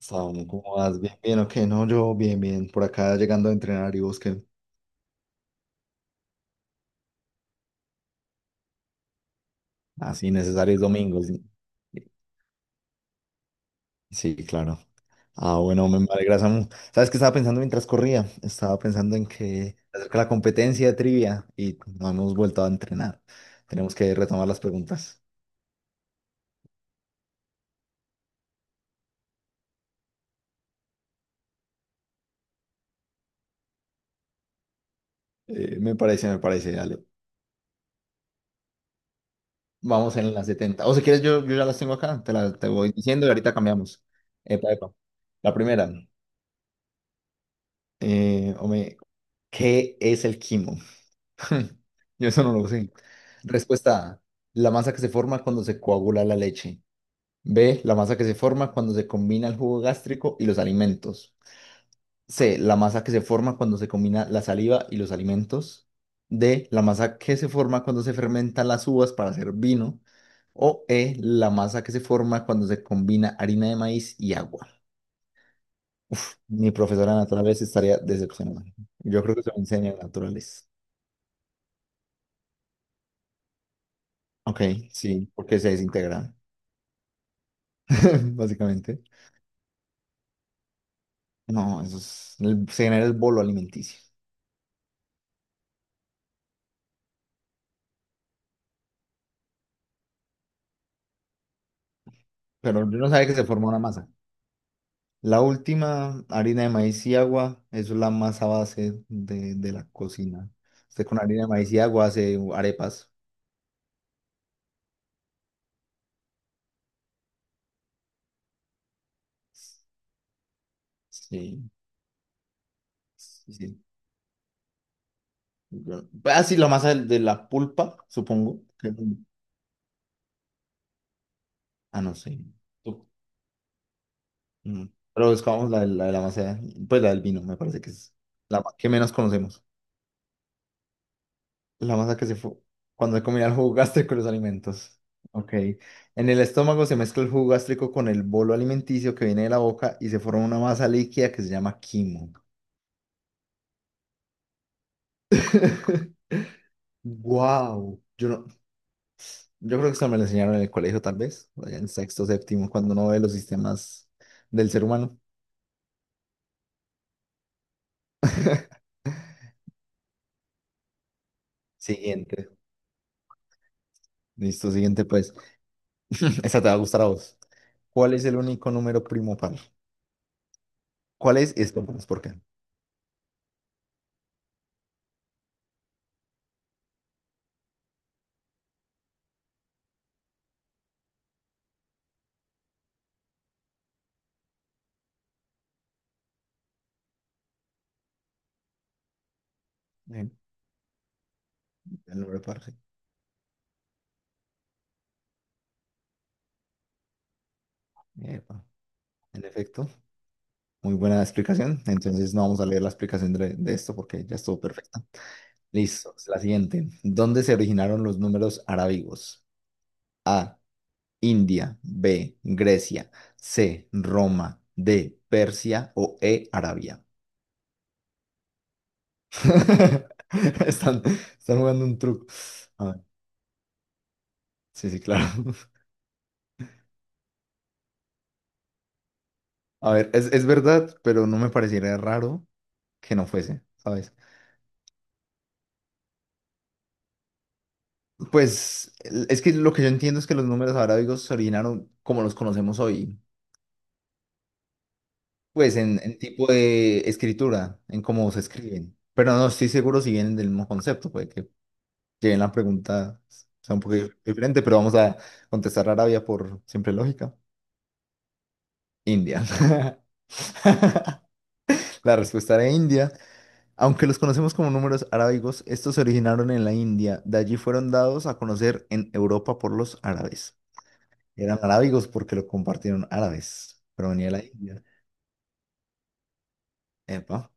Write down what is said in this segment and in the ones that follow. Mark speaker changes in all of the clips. Speaker 1: Saúl, ¿cómo vas? Bien, bien, ok, no, yo bien, bien, por acá llegando a entrenar y busquen así necesarios domingos. Sí, sí, claro. Ah, bueno, me alegra, Samu. ¿Sabes qué estaba pensando mientras corría? Estaba pensando en que acerca de la competencia de trivia y no hemos vuelto a entrenar. Tenemos que retomar las preguntas. Me parece, dale. Vamos en las 70 o si quieres, yo ya las tengo acá, te voy diciendo y ahorita cambiamos. Epa, epa. La primera, hombre, ¿qué es el quimo? Yo eso no lo sé. Respuesta A. La masa que se forma cuando se coagula la leche. B. La masa que se forma cuando se combina el jugo gástrico y los alimentos. C. La masa que se forma cuando se combina la saliva y los alimentos. D. La masa que se forma cuando se fermentan las uvas para hacer vino. O E. La masa que se forma cuando se combina harina de maíz y agua. Mi profesora de naturales estaría decepcionada. Yo creo que se me enseña en naturales. Ok, sí, porque se desintegra. Básicamente. No, eso es, se genera el bolo alimenticio. Pero yo no sabía que se forma una masa. La última, harina de maíz y agua, eso es la masa base de la cocina. Usted con harina de maíz y agua hace arepas. Sí, sí, sí. Pues, ah, sí, la masa de la pulpa, supongo. Ah, no sé. Tú- mm. Pero buscamos de la masa, pues la del vino, me parece que es la que menos conocemos. La masa que se fue cuando combina el jugo gástrico y los alimentos. Ok. En el estómago se mezcla el jugo gástrico con el bolo alimenticio que viene de la boca y se forma una masa líquida que se llama quimo. Wow. Yo no, yo creo que eso me lo enseñaron en el colegio, tal vez, allá en sexto, séptimo, cuando uno ve los sistemas del ser humano. Siguiente. Listo, siguiente, pues. Esa te va a gustar a vos. ¿Cuál es el único número primo par? ¿Cuál es? Y esto, pues ¿por qué? Eh, El número par, sí. Epa. En efecto. Muy buena explicación. Entonces no vamos a leer la explicación de esto porque ya estuvo perfecta. Listo. La siguiente. ¿Dónde se originaron los números arábigos? A. India. B. Grecia. C. Roma. D. Persia o E. Arabia. Están, están jugando un truco. A ver, sí, sí, claro. A ver, es verdad, pero no me pareciera raro que no fuese, ¿sabes? Pues es que lo que yo entiendo es que los números arábigos se originaron como los conocemos hoy. Pues en tipo de escritura, en cómo se escriben. Pero no estoy seguro si vienen del mismo concepto, puede que lleguen la pregunta sea un poco diferente, pero vamos a contestar Arabia por siempre lógica. India. La respuesta era India. Aunque los conocemos como números arábigos, estos se originaron en la India. De allí fueron dados a conocer en Europa por los árabes. Eran arábigos porque lo compartieron árabes, pero venía de la India. Epa.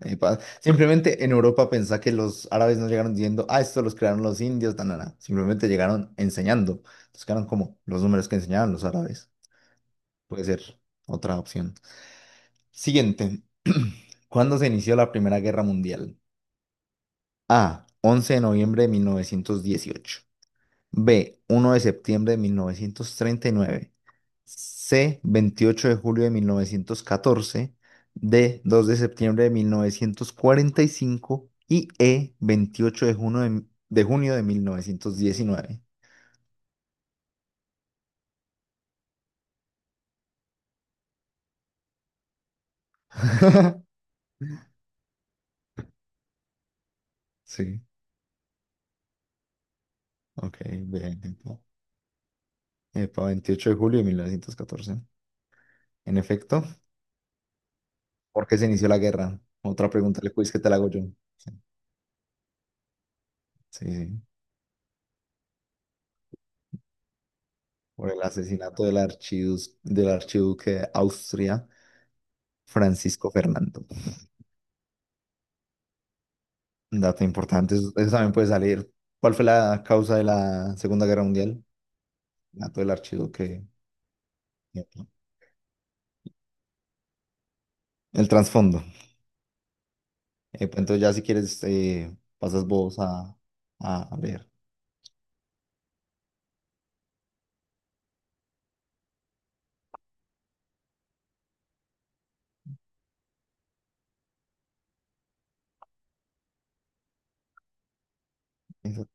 Speaker 1: Simplemente en Europa pensá que los árabes no llegaron diciendo, "ah, esto los crearon los indios, tan, tan, tan". Simplemente llegaron enseñando. Entonces quedaron como los números que enseñaban los árabes. Puede ser otra opción. Siguiente. ¿Cuándo se inició la Primera Guerra Mundial? A. once de noviembre de 1918. B. uno de septiembre de 1939. C, 28 de julio de 1914, D, 2 de septiembre de 1945 y E, 28 de junio de junio de 1919. Sí, ok, bien. Epa. Epa, 28 de julio de mil novecientos catorce. En efecto, ¿por qué se inició la guerra? Otra pregunta le quiz que te la hago yo. Sí, sí. Sí. Por el asesinato del del archiduque de Austria, Francisco Fernando. Un dato importante, eso también puede salir. ¿Cuál fue la causa de la Segunda Guerra Mundial? Dato del archivo que... El trasfondo. Pues entonces ya si quieres, pasas vos a, ver. Esa-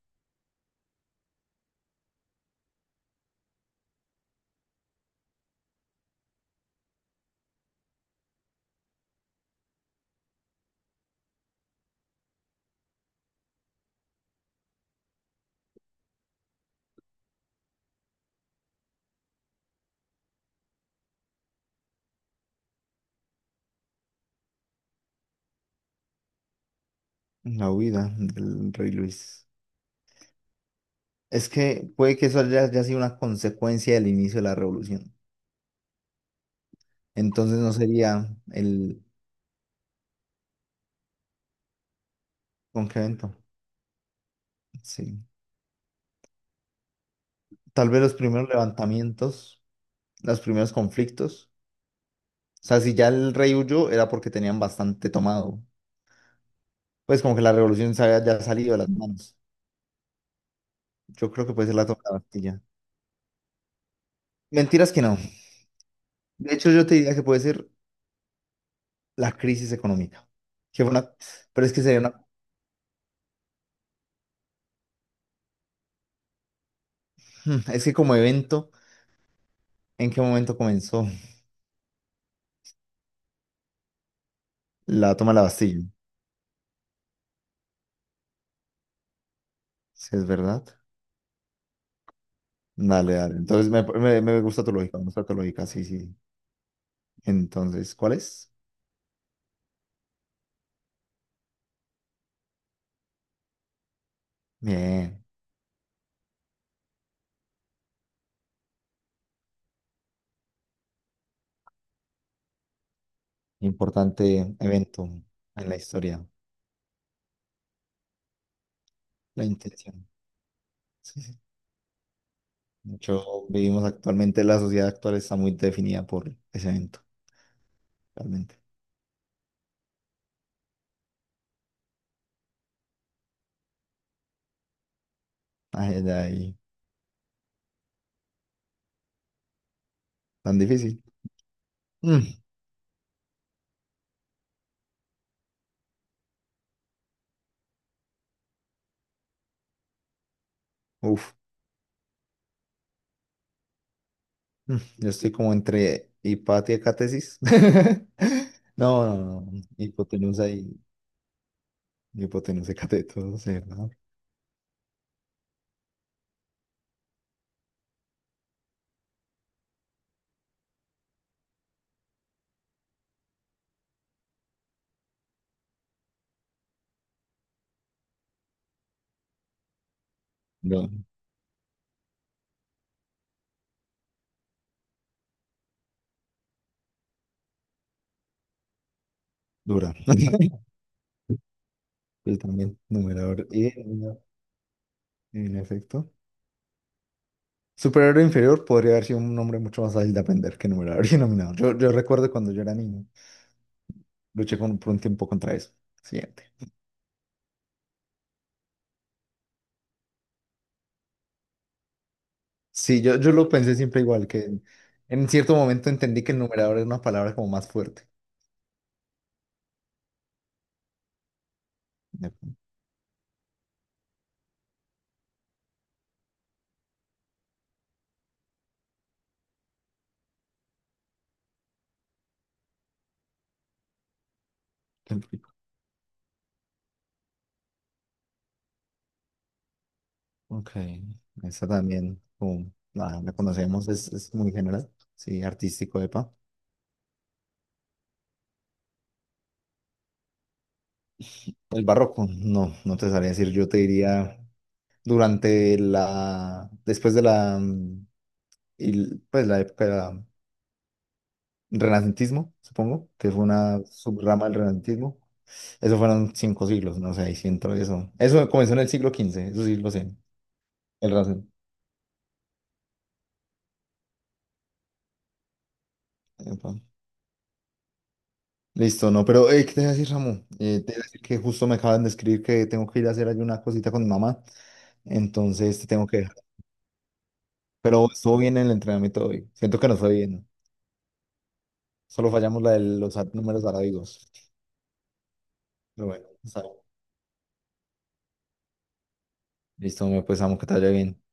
Speaker 1: la huida del rey Luis. Es que puede que eso haya sido una consecuencia del inicio de la revolución. Entonces no sería el... ¿Con qué evento? Sí. Tal vez los primeros levantamientos, los primeros conflictos. O sea, si ya el rey huyó era porque tenían bastante tomado. Pues como que la revolución se había ya salido de las manos. Yo creo que puede ser la toma de la Bastilla. Mentiras que no. De hecho, yo te diría que puede ser la crisis económica. Que fue una... Pero es que sería una... es que como evento, ¿en qué momento comenzó la toma de la Bastilla? Si es verdad. Dale, dale. Entonces me gusta tu lógica, me gusta tu lógica, sí, sí. Entonces, ¿cuál es? Bien, importante evento en la historia, la intención. Sí, sí. De hecho, vivimos actualmente, la sociedad actual está muy definida por ese evento, realmente. Ay, ay, ay, tan difícil. Mm, uf, yo estoy como entre hipatia y catesis. No, no, no, hipotenusa y hipotenusa y cateto, o ¿no? No, dura. Y también, numerador y denominador, en efecto. Superior e inferior podría haber sido un nombre mucho más fácil de aprender que numerador y denominador. Yo recuerdo cuando yo era niño, luché por un tiempo contra eso. Siguiente. Sí, yo lo pensé siempre igual, que en cierto momento entendí que el numerador era una palabra como más fuerte. Me- me explico. Ok, esa también, como la conocemos, es muy general. Sí, artístico, epa. El barroco, no, no te sabría decir, yo te diría durante después de la, y, pues la época renacentismo, supongo, que fue una subrama del renacentismo. Eso fueron 5 siglos, no sé, ahí sí entró eso. Eso comenzó en el siglo XV, eso sí lo sé, el renacentismo. Epa. Listo, no, pero ¿qué te iba a decir, Samu? Te iba a decir que justo me acaban de escribir que tengo que ir a hacer ahí una cosita con mi mamá, entonces te tengo que dejar. Pero estuvo bien el entrenamiento hoy. Siento que no fue bien, ¿no? Solo fallamos la de los números arábigos. Pero bueno, está bien. Listo, me pues, Samu, que te vaya bien.